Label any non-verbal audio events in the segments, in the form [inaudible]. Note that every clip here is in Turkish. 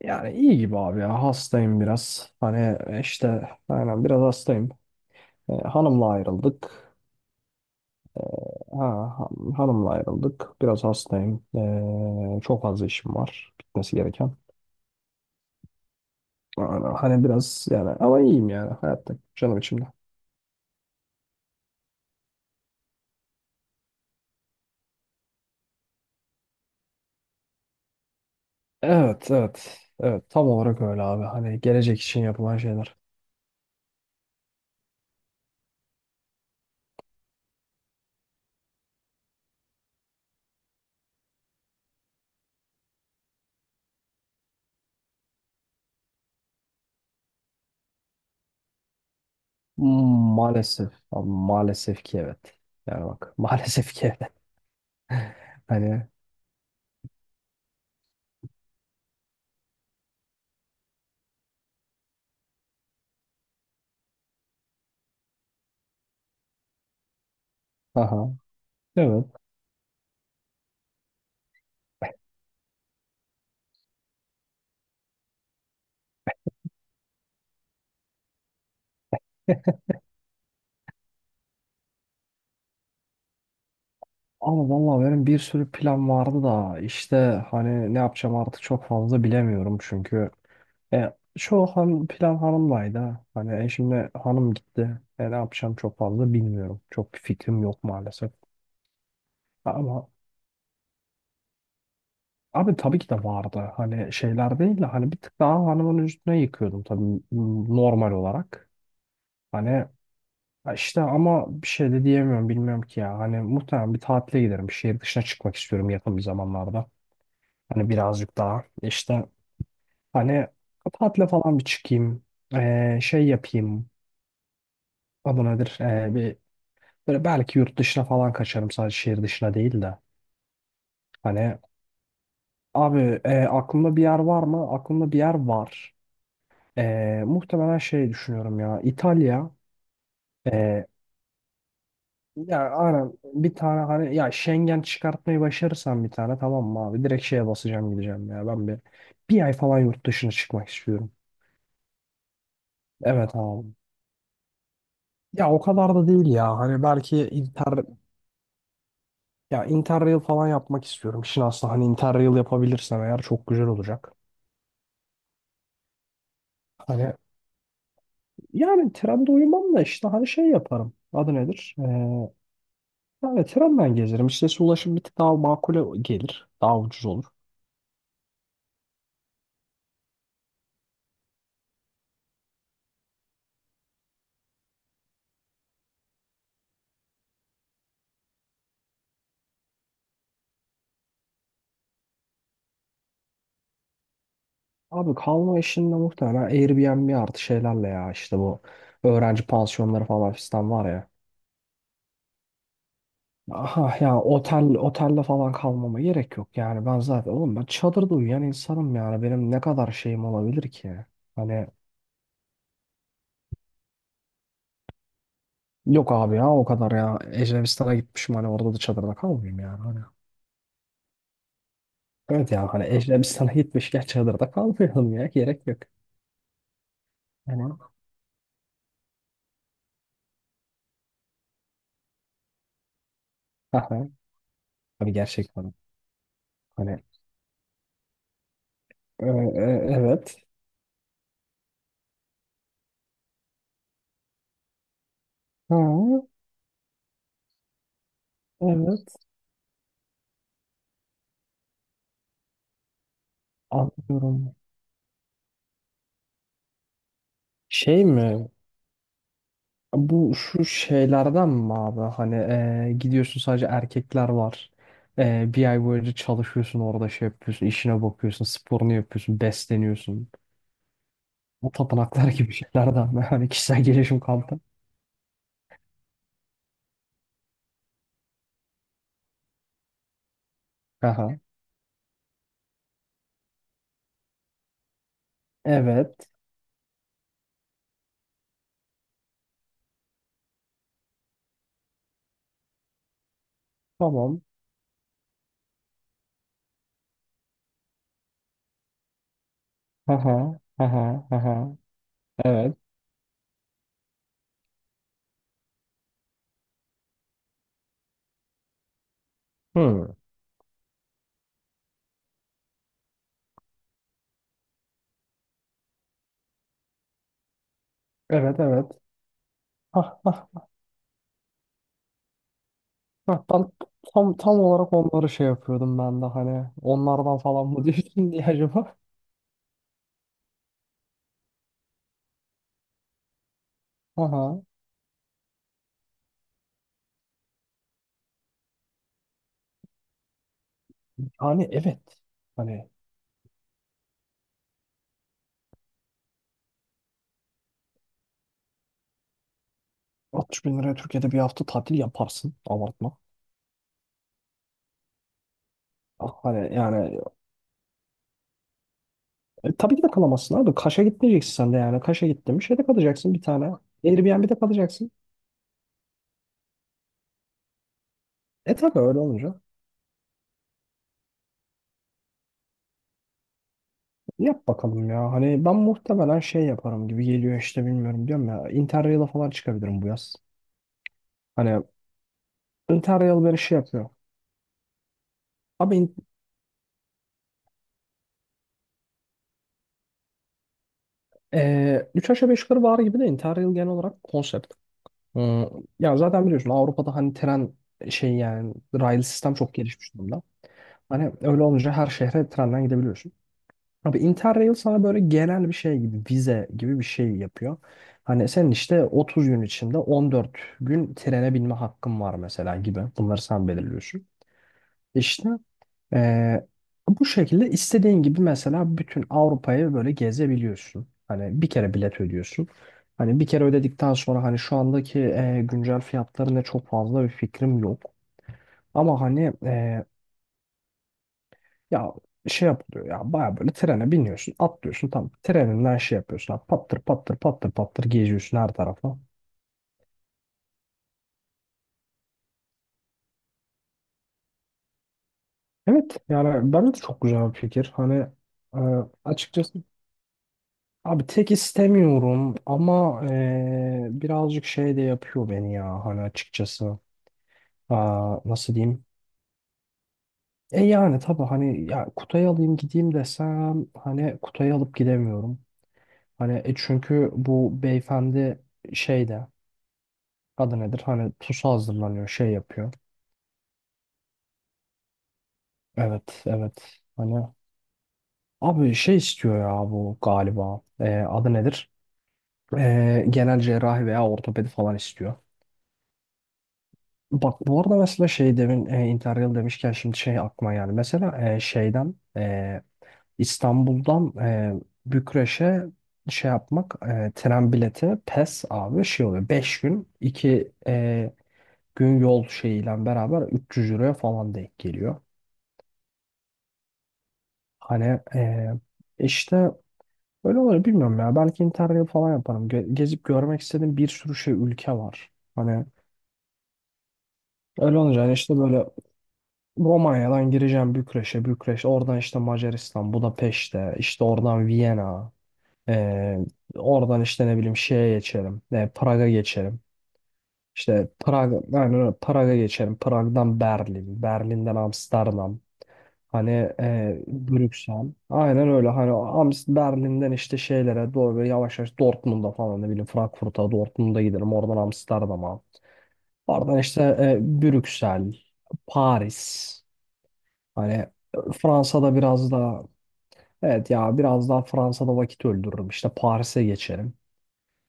Yani iyi gibi abi ya. Hastayım biraz. Hani işte aynen biraz hastayım. Hanımla ayrıldık. Ha, hanımla ayrıldık. Biraz hastayım. Çok fazla işim var. Bitmesi gereken. Aynen. Hani biraz yani ama iyiyim yani hayatta. Canım içimde. Evet evet. Evet tam olarak öyle abi. Hani gelecek için yapılan şeyler. Maalesef. Abi, maalesef ki evet. Yani bak [laughs] maalesef ki evet. [laughs] Hani aha evet. [laughs] Ama vallahi benim bir sürü plan vardı da işte hani ne yapacağım artık çok fazla bilemiyorum çünkü e, çoğu plan hanımlaydı. Ha. Hani şimdi hanım gitti. Ne yapacağım çok fazla bilmiyorum. Çok bir fikrim yok maalesef. Ama abi tabii ki de vardı. Hani şeyler değil de hani bir tık daha hanımın üstüne yıkıyordum tabii normal olarak. Hani işte ama bir şey de diyemiyorum bilmiyorum ki ya. Hani muhtemelen bir tatile giderim. Şehir dışına çıkmak istiyorum yakın bir zamanlarda. Hani birazcık daha işte hani tatile falan bir çıkayım. Şey yapayım. Adı nedir? Böyle belki yurt dışına falan kaçarım, sadece şehir dışına değil de. Hani abi aklımda bir yer var mı? Aklımda bir yer var. Muhtemelen şey düşünüyorum ya. İtalya. Ee, ya aynen bir tane hani ya, Schengen çıkartmayı başarırsam bir tane tamam mı abi? Direkt şeye basacağım, gideceğim ya. Ben bir ay falan yurt dışına çıkmak istiyorum. Evet abi. Ya o kadar da değil ya. Hani belki ya interrail falan yapmak istiyorum. Şimdi aslında hani interrail yapabilirsem eğer çok güzel olacak. Hani yani trende uyumam da işte hani şey yaparım. Adı nedir? Yani trenden gezerim. İşte ulaşım bir tık daha makul gelir. Daha ucuz olur. Abi kalma işinde muhtemelen Airbnb artı şeylerle ya işte, bu öğrenci pansiyonları falan fistan var ya. Aha ya, otelde falan kalmama gerek yok yani. Ben zaten oğlum, ben çadırda uyuyan insanım yani, benim ne kadar şeyim olabilir ki hani? Yok abi ya, o kadar ya Ecrebistan'a gitmişim, hani orada da çadırda kalmayayım yani hani. Evet ya, hani Ecrebistan'a [laughs] gitmişken çadırda kalmayalım ya, gerek yok hani. Aha. Abi gerçekten hani evet. Ha, evet anlıyorum. Şey mi? Bu şu şeylerden mi abi? Hani gidiyorsun, sadece erkekler var. Bir ay boyunca çalışıyorsun orada, şey yapıyorsun. İşine bakıyorsun. Sporunu yapıyorsun. Besleniyorsun. Bu tapınaklar [laughs] gibi şeylerden mi? [laughs] Hani kişisel gelişim kampı. Aha. Evet. Tamam. Aha. Aha. Aha. Evet. Hmm. Evet evet. Ah, ah, ah. Ben tam olarak onları şey yapıyordum ben de, hani onlardan falan mı [laughs] diyorsun diye acaba. Aha. Yani evet. Hani 60 bin liraya Türkiye'de bir hafta tatil yaparsın. Abartma. Ah, hani yani tabii ki de kalamazsın abi. Kaş'a gitmeyeceksin sen de yani. Kaş'a gittin, bir şeyde kalacaksın bir tane. Airbnb'de kalacaksın. Tabii öyle olunca. Yap bakalım ya. Hani ben muhtemelen şey yaparım gibi geliyor işte, bilmiyorum diyorum ya. Interrail'a falan çıkabilirim bu yaz. Hani Interrail beni şey yapıyor. Abi 3 aşağı 5 yukarı var gibi de Interrail genel olarak konsept. Hmm, ya zaten biliyorsun, Avrupa'da hani tren şey yani, rail sistem çok gelişmiş durumda. Hani öyle olunca her şehre trenden gidebiliyorsun. Abi Interrail sana böyle genel bir şey gibi, vize gibi bir şey yapıyor. Hani senin işte 30 gün içinde 14 gün trene binme hakkın var mesela gibi. Bunları sen belirliyorsun. İşte eee, bu şekilde istediğin gibi mesela bütün Avrupa'yı böyle gezebiliyorsun. Hani bir kere bilet ödüyorsun. Hani bir kere ödedikten sonra, hani şu andaki güncel fiyatlarına çok fazla bir fikrim yok. Ama hani ya şey yapılıyor ya, baya böyle trene biniyorsun, atlıyorsun tam treninden, şey yapıyorsun abi, pattır pattır pattır pattır geziyorsun her tarafa. Evet yani bence de çok güzel bir fikir hani. e, Açıkçası abi, tek istemiyorum ama birazcık şey de yapıyor beni ya, hani açıkçası. Nasıl diyeyim? Yani tabii hani, ya Kutay'ı alayım gideyim desem hani Kutay'ı alıp gidemiyorum. Hani çünkü bu beyefendi şeyde. Adı nedir? Hani pusu hazırlanıyor, şey yapıyor. Evet, evet. Hani abi şey istiyor ya bu galiba. Adı nedir? Genel cerrahi veya ortopedi falan istiyor. Bak bu arada, mesela şey demin Interrail demişken şimdi şey aklıma geldi. Mesela şeyden İstanbul'dan Bükreş'e şey yapmak, tren bileti pes abi, şey oluyor. 5 gün 2 gün yol şeyiyle beraber 300 euroya falan denk geliyor. Hani eee, işte öyle olur, bilmiyorum ya. Belki interrail falan yaparım. Gezip görmek istediğim bir sürü şey ülke var. Hani öyle olunca hani işte böyle, Romanya'dan gireceğim Bükreş'e, Bükreş, oradan işte Macaristan, Budapeşte, işte oradan Viyana, eee, oradan işte ne bileyim şeye geçerim, Prag'a geçerim. İşte Prag, yani Prag'a geçerim. Prag'dan Berlin, Berlin'den Amsterdam. Hani Brüksel. Aynen öyle. Hani Berlin'den işte şeylere doğru böyle yavaş yavaş, Dortmund'a falan, ne bileyim Frankfurt'a, Dortmund'a giderim. Oradan Amsterdam'a. Oradan işte Brüksel, Paris. Hani Fransa'da biraz daha, evet ya, biraz daha Fransa'da vakit öldürürüm. İşte Paris'e geçerim.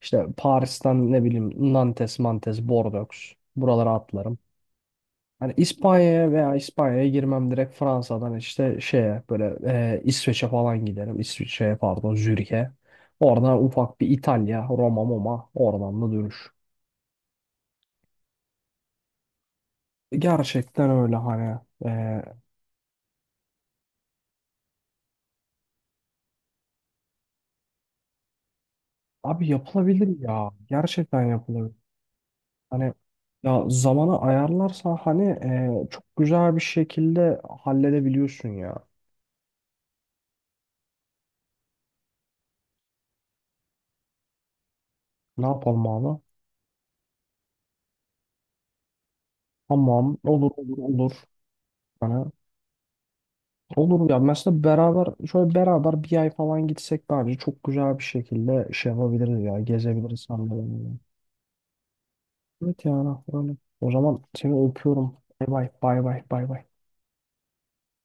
İşte Paris'ten, ne bileyim, Nantes, Mantes, Bordeaux. Buralara atlarım. Hani İspanya'ya, veya İspanya'ya girmem direkt, Fransa'dan işte şeye böyle İsveç'e falan giderim. İsviçre'ye pardon, Zürih'e. Oradan ufak bir İtalya, Roma, Moma, oradan da dönüş. Gerçekten öyle hani. e, abi yapılabilir ya. Gerçekten yapılabilir. Hani ya zamanı ayarlarsan hani çok güzel bir şekilde halledebiliyorsun ya. Ne yapalım abi? Tamam, olur olur olur. Hani olur ya, mesela beraber şöyle beraber bir ay falan gitsek, bence çok güzel bir şekilde şey yapabiliriz ya, gezebiliriz sanırım. Evet yani öyle. O zaman seni öpüyorum. Bay bay bay bay bay bay.